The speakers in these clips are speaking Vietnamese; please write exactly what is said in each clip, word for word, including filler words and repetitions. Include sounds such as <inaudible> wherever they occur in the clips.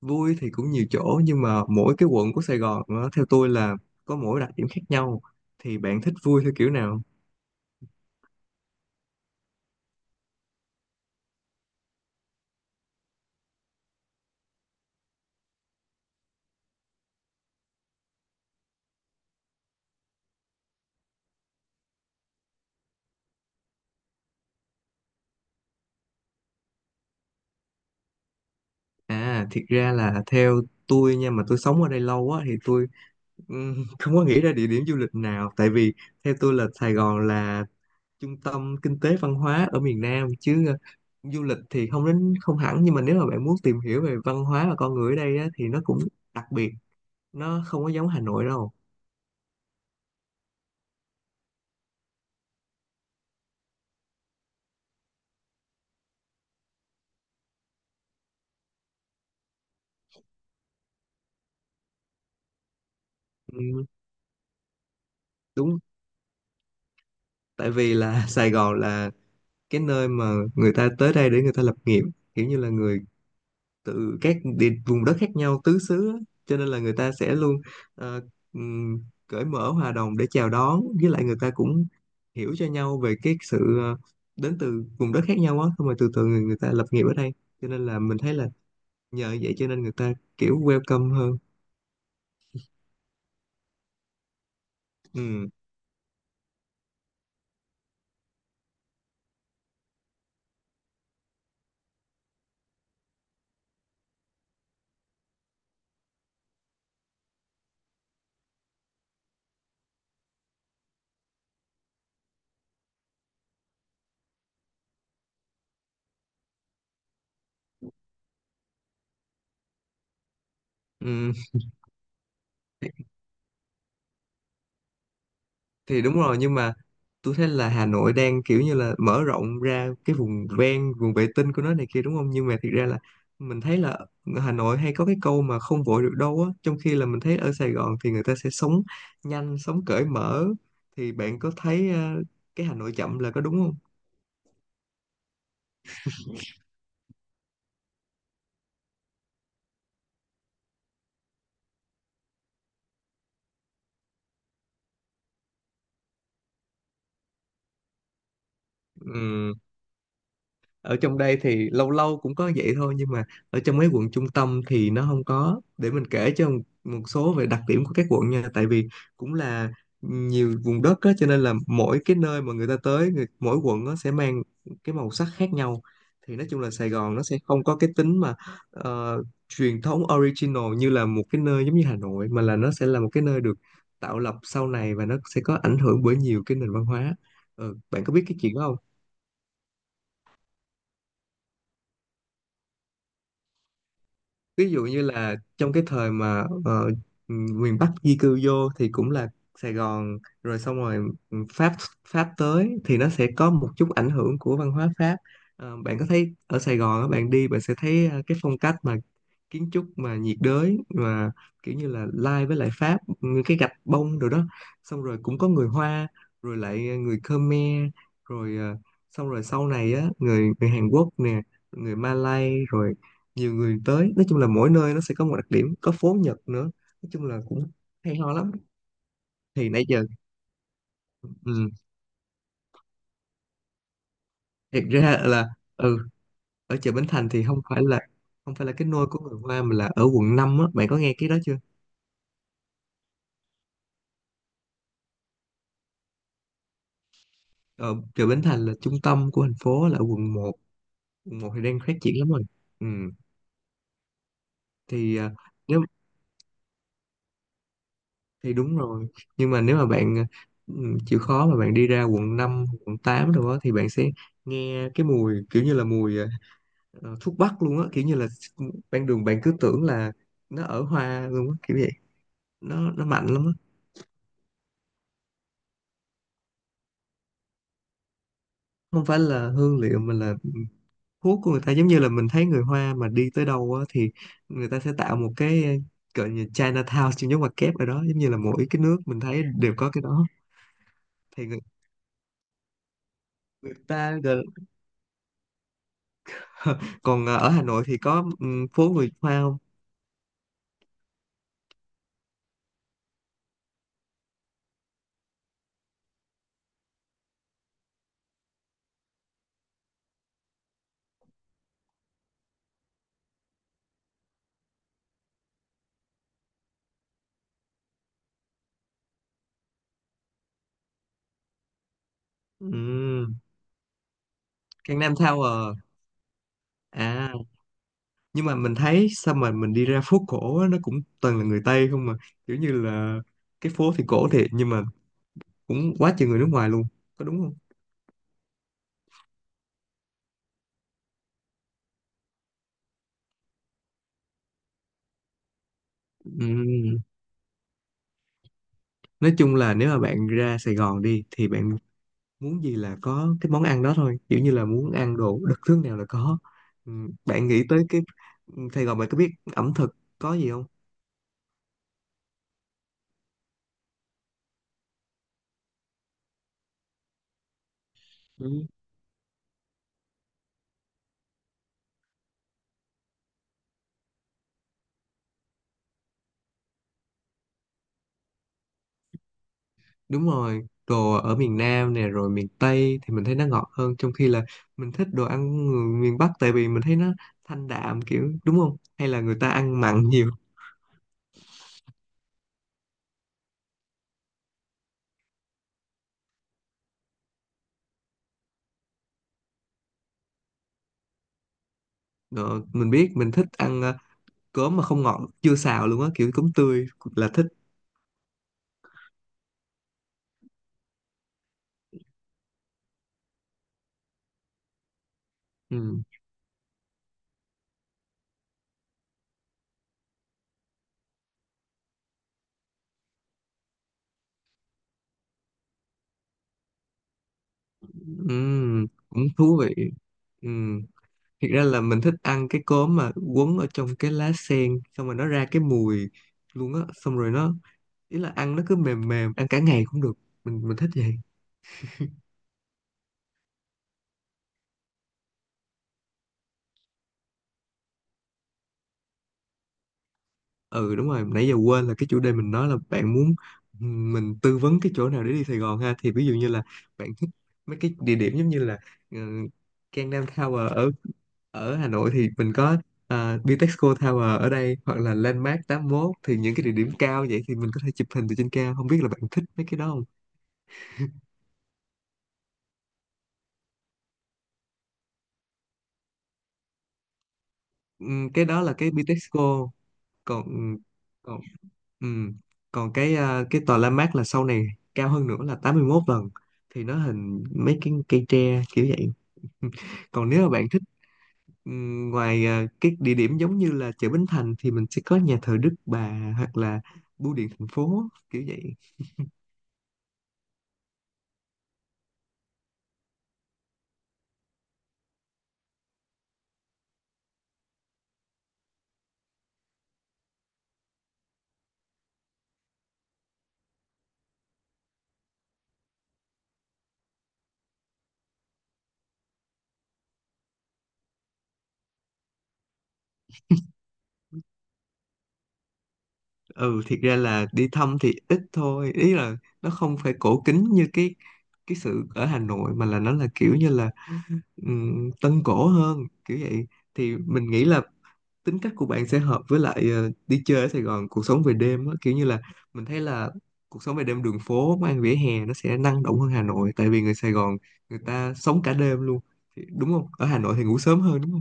Vui thì cũng nhiều chỗ, nhưng mà mỗi cái quận của Sài Gòn nó theo tôi là có mỗi đặc điểm khác nhau. Thì bạn thích vui theo kiểu nào? À, thiệt ra là theo tôi nha, mà tôi sống ở đây lâu á thì tôi ừm, <laughs> không có nghĩ ra địa điểm du lịch nào, tại vì theo tôi là Sài Gòn là trung tâm kinh tế văn hóa ở miền Nam, chứ ờ, du lịch thì không đến không hẳn. Nhưng mà nếu mà bạn muốn tìm hiểu về văn hóa và con người ở đây á, thì nó cũng đặc biệt, nó không có giống Hà Nội đâu. Ừm, đúng. Tại vì là <laughs> Sài Gòn là cái nơi mà người ta tới đây để người ta lập nghiệp, kiểu như là người từ các địa, vùng đất khác nhau tứ xứ á. Cho nên là người ta sẽ luôn ờ, ừm, cởi mở hòa đồng để chào đón, với lại người ta cũng hiểu cho nhau về cái sự ờ, đến từ vùng đất khác nhau á. Xong rồi từ từ người, người ta lập nghiệp ở đây, cho nên là mình thấy là nhờ vậy cho nên người ta kiểu welcome hơn. Ừ. Ừ. Thì đúng rồi, nhưng mà tôi thấy là Hà Nội đang kiểu như là mở rộng ra cái vùng ven, vùng vệ tinh của nó này kia, đúng không? Nhưng mà thiệt ra là mình thấy là Hà Nội hay có cái câu mà không vội được đâu á, trong khi là mình thấy ở Sài Gòn thì người ta sẽ sống nhanh, sống cởi mở. Thì bạn có thấy ờ, cái Hà Nội chậm là có đúng không? Ừ, ở trong đây thì lâu lâu cũng có vậy thôi, nhưng mà ở trong mấy quận trung tâm thì nó không có. Để mình kể cho một, một số về đặc điểm của các quận nha, tại vì cũng là nhiều vùng đất á, cho nên là mỗi cái nơi mà người ta tới người, mỗi quận nó sẽ mang cái màu sắc khác nhau. Thì nói chung là Sài Gòn nó sẽ không có cái tính mà ờ, truyền thống, original như là một cái nơi giống như Hà Nội, mà là nó sẽ là một cái nơi được tạo lập sau này và nó sẽ có ảnh hưởng bởi nhiều cái nền văn hóa. Ờ, bạn có biết cái chuyện đó? Ví dụ như là trong cái thời mà ờ, ừ, miền Bắc di cư vô thì cũng là Sài Gòn. Rồi xong rồi ừ, Pháp Pháp tới thì nó sẽ có một chút ảnh hưởng của văn hóa Pháp. Ờ, bạn có thấy ở Sài Gòn á, bạn đi bạn sẽ thấy ờ, cái phong cách mà kiến trúc mà nhiệt đới mà kiểu như là lai với lại Pháp, như cái gạch bông rồi đó. Xong rồi cũng có người Hoa, rồi lại người Khmer, rồi ờ, xong rồi sau này á người người Hàn Quốc nè, người Malay, rồi nhiều người tới. Nói chung là mỗi nơi nó sẽ có một đặc điểm, có phố Nhật nữa. Nói chung là cũng hay ho lắm. Thì nãy giờ ừ, thiệt ra là ừ, ở chợ Bến Thành thì không phải là không phải là cái nôi của người Hoa, mà là ở quận năm á. Bạn có nghe cái đó chưa? Ở chợ Bến Thành là trung tâm của thành phố, là ở quận một. Quận một thì đang phát triển lắm rồi. Ừ. Thì à, nếu thì đúng rồi, nhưng mà nếu mà bạn à, ừ, chịu khó mà bạn đi ra quận năm, quận tám rồi đó, thì bạn sẽ nghe cái mùi kiểu như là mùi à, ờ, thuốc bắc luôn á, kiểu như là ban đường bạn cứ tưởng là nó ở hoa luôn á kiểu vậy. Nó nó mạnh lắm á. Không phải là hương liệu, mà là thuốc của người ta. Giống như là mình thấy người hoa mà đi tới đâu á, thì người ta sẽ tạo một cái gọi như Chinatown trong giống ngoặc kép ở đó, giống như là mỗi cái nước mình thấy đều có cái đó. Thì người, người ta gọi là- <laughs> còn ờ, ở Hà Nội thì có, ừ, phố người Hoa không? Ừ, Gangnam Tower à. À. Nhưng mà mình thấy sao mà mình đi ra phố cổ á, nó cũng toàn là người Tây không mà, kiểu như là cái phố thì cổ thiệt, nhưng mà cũng quá chừng người nước ngoài luôn, có đúng không? Ừm, nói chung là nếu mà bạn ra Sài Gòn đi thì bạn muốn gì là có cái món ăn đó thôi, kiểu như là muốn ăn đồ đặc trưng nào là có. Ừm, bạn nghĩ tới cái Sài Gòn, bạn có biết ẩm thực có gì không? Đúng rồi, đồ ở miền Nam nè, rồi miền Tây thì mình thấy nó ngọt hơn, trong khi là mình thích đồ ăn người miền Bắc, tại vì mình thấy nó thanh đạm, kiểu đúng không, hay là người ta ăn mặn <laughs> nhiều. Ờ, mình biết, mình thích ăn ờ, cốm mà không ngọt chưa xào luôn á, kiểu cốm tươi là thích. Ừ. Ừ, cũng thú vị. Ừ. Thiệt ra là mình thích ăn cái cốm mà quấn ở trong cái lá sen, xong rồi nó ra cái mùi luôn á, xong rồi nó ý là ăn nó cứ mềm mềm, ăn cả ngày cũng được. Mình mình thích vậy. Ừ, đúng rồi, nãy giờ quên là cái chủ đề mình nói là bạn muốn, ừ, mình tư vấn cái chỗ nào để đi Sài Gòn ha. Thì ví dụ như là bạn thích mấy cái địa điểm giống như là uh, Gangnam Tower ở ở Hà Nội thì mình có uh, Bitexco Tower ở đây, hoặc là Landmark tám mốt. Thì những cái địa điểm cao vậy thì mình có thể chụp hình từ trên cao, không biết là bạn thích mấy cái đó không? Ừm, cái đó là cái Bitexco. Còn còn ừ. Còn cái à, cái tòa La Mát là sau này cao hơn nữa là tám mươi mốt lần, thì nó hình mấy cái cây tre kiểu vậy. Còn nếu mà bạn thích ừm, ngoài à, cái địa điểm giống như là chợ Bến Thành, thì mình sẽ có nhà thờ Đức Bà hoặc là bưu điện thành phố kiểu vậy. Ừ, thiệt ra là đi thăm thì ít thôi, ý là nó không phải cổ kính như cái cái sự ở Hà Nội, mà là nó là kiểu như là ừm, tân cổ hơn kiểu vậy. Thì mình nghĩ là tính cách của bạn sẽ hợp với lại ờ, đi chơi ở Sài Gòn, cuộc sống về đêm á, kiểu như là mình thấy là cuộc sống về đêm, đường phố, quán ăn vỉa hè nó sẽ năng động hơn Hà Nội, tại vì người Sài Gòn người ta sống cả đêm luôn. Thì- đúng không, ở Hà Nội thì ngủ sớm hơn đúng không?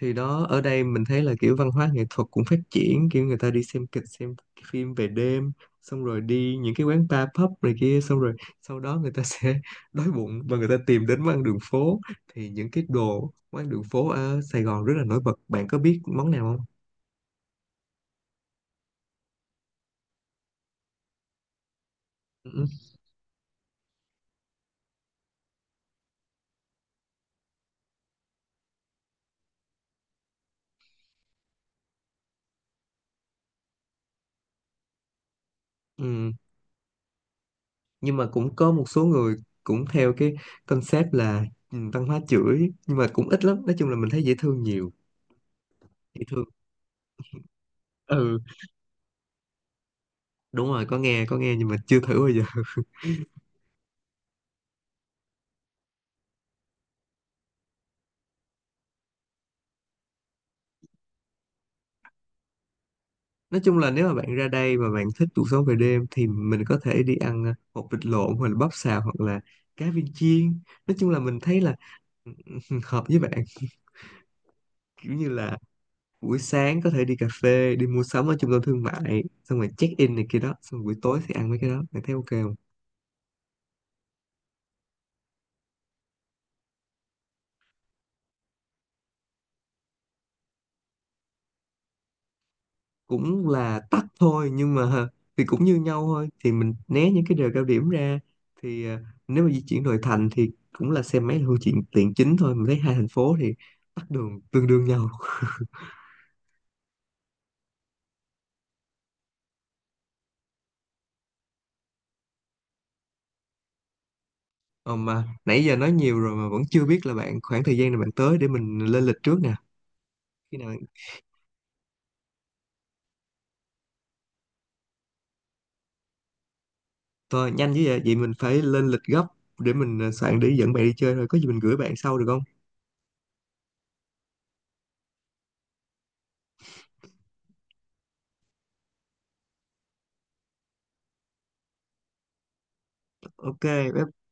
Thì đó, ở đây mình thấy là kiểu văn hóa nghệ thuật cũng phát triển, kiểu người ta đi xem kịch, xem phim về đêm, xong rồi đi những cái quán bar pub này kia, xong rồi sau đó người ta sẽ <laughs> đói bụng và người ta tìm đến món ăn đường phố. Thì những cái đồ, món ăn đường phố ở Sài Gòn rất là nổi bật. Bạn có biết món nào không? Ừ. Ừ. Nhưng mà cũng có một số người cũng theo cái concept là, ừ, văn hóa chửi, nhưng mà cũng ít lắm. Nói chung là mình thấy dễ thương nhiều. Dễ thương. Ừ, đúng rồi, có nghe, có nghe, nhưng mà chưa thử bao giờ. Nói chung là nếu mà bạn ra đây mà bạn thích cuộc sống về đêm, thì mình có thể đi ăn à, hột vịt lộn hoặc là bắp xào hoặc là cá viên chiên. Nói chung là mình thấy là <laughs> hợp với bạn. <laughs> Kiểu như là buổi sáng có thể đi cà phê, đi mua sắm ở trung tâm thương mại, xong rồi check in này kia đó, xong buổi tối thì ăn mấy cái đó. Bạn thấy ok không? Cũng là tắt thôi, nhưng mà <laughs> thì cũng như nhau thôi, thì mình né những cái giờ cao điểm ra. Thì à, nếu mà di chuyển nội thành thì cũng là xe máy là phương tiện tiện chính thôi. Mình thấy hai thành phố thì tắc đường tương đương nhau. Ờ, mà nãy giờ nói nhiều rồi mà vẫn chưa biết là bạn khoảng thời gian nào bạn tới để mình lên lịch trước nè. Khi nào? Thôi nhanh chứ vậy, vậy mình phải lên lịch gấp, để mình ờ, soạn để dẫn bạn đi chơi thôi. Có gì mình gửi bạn sau được không? Ok, bye bye.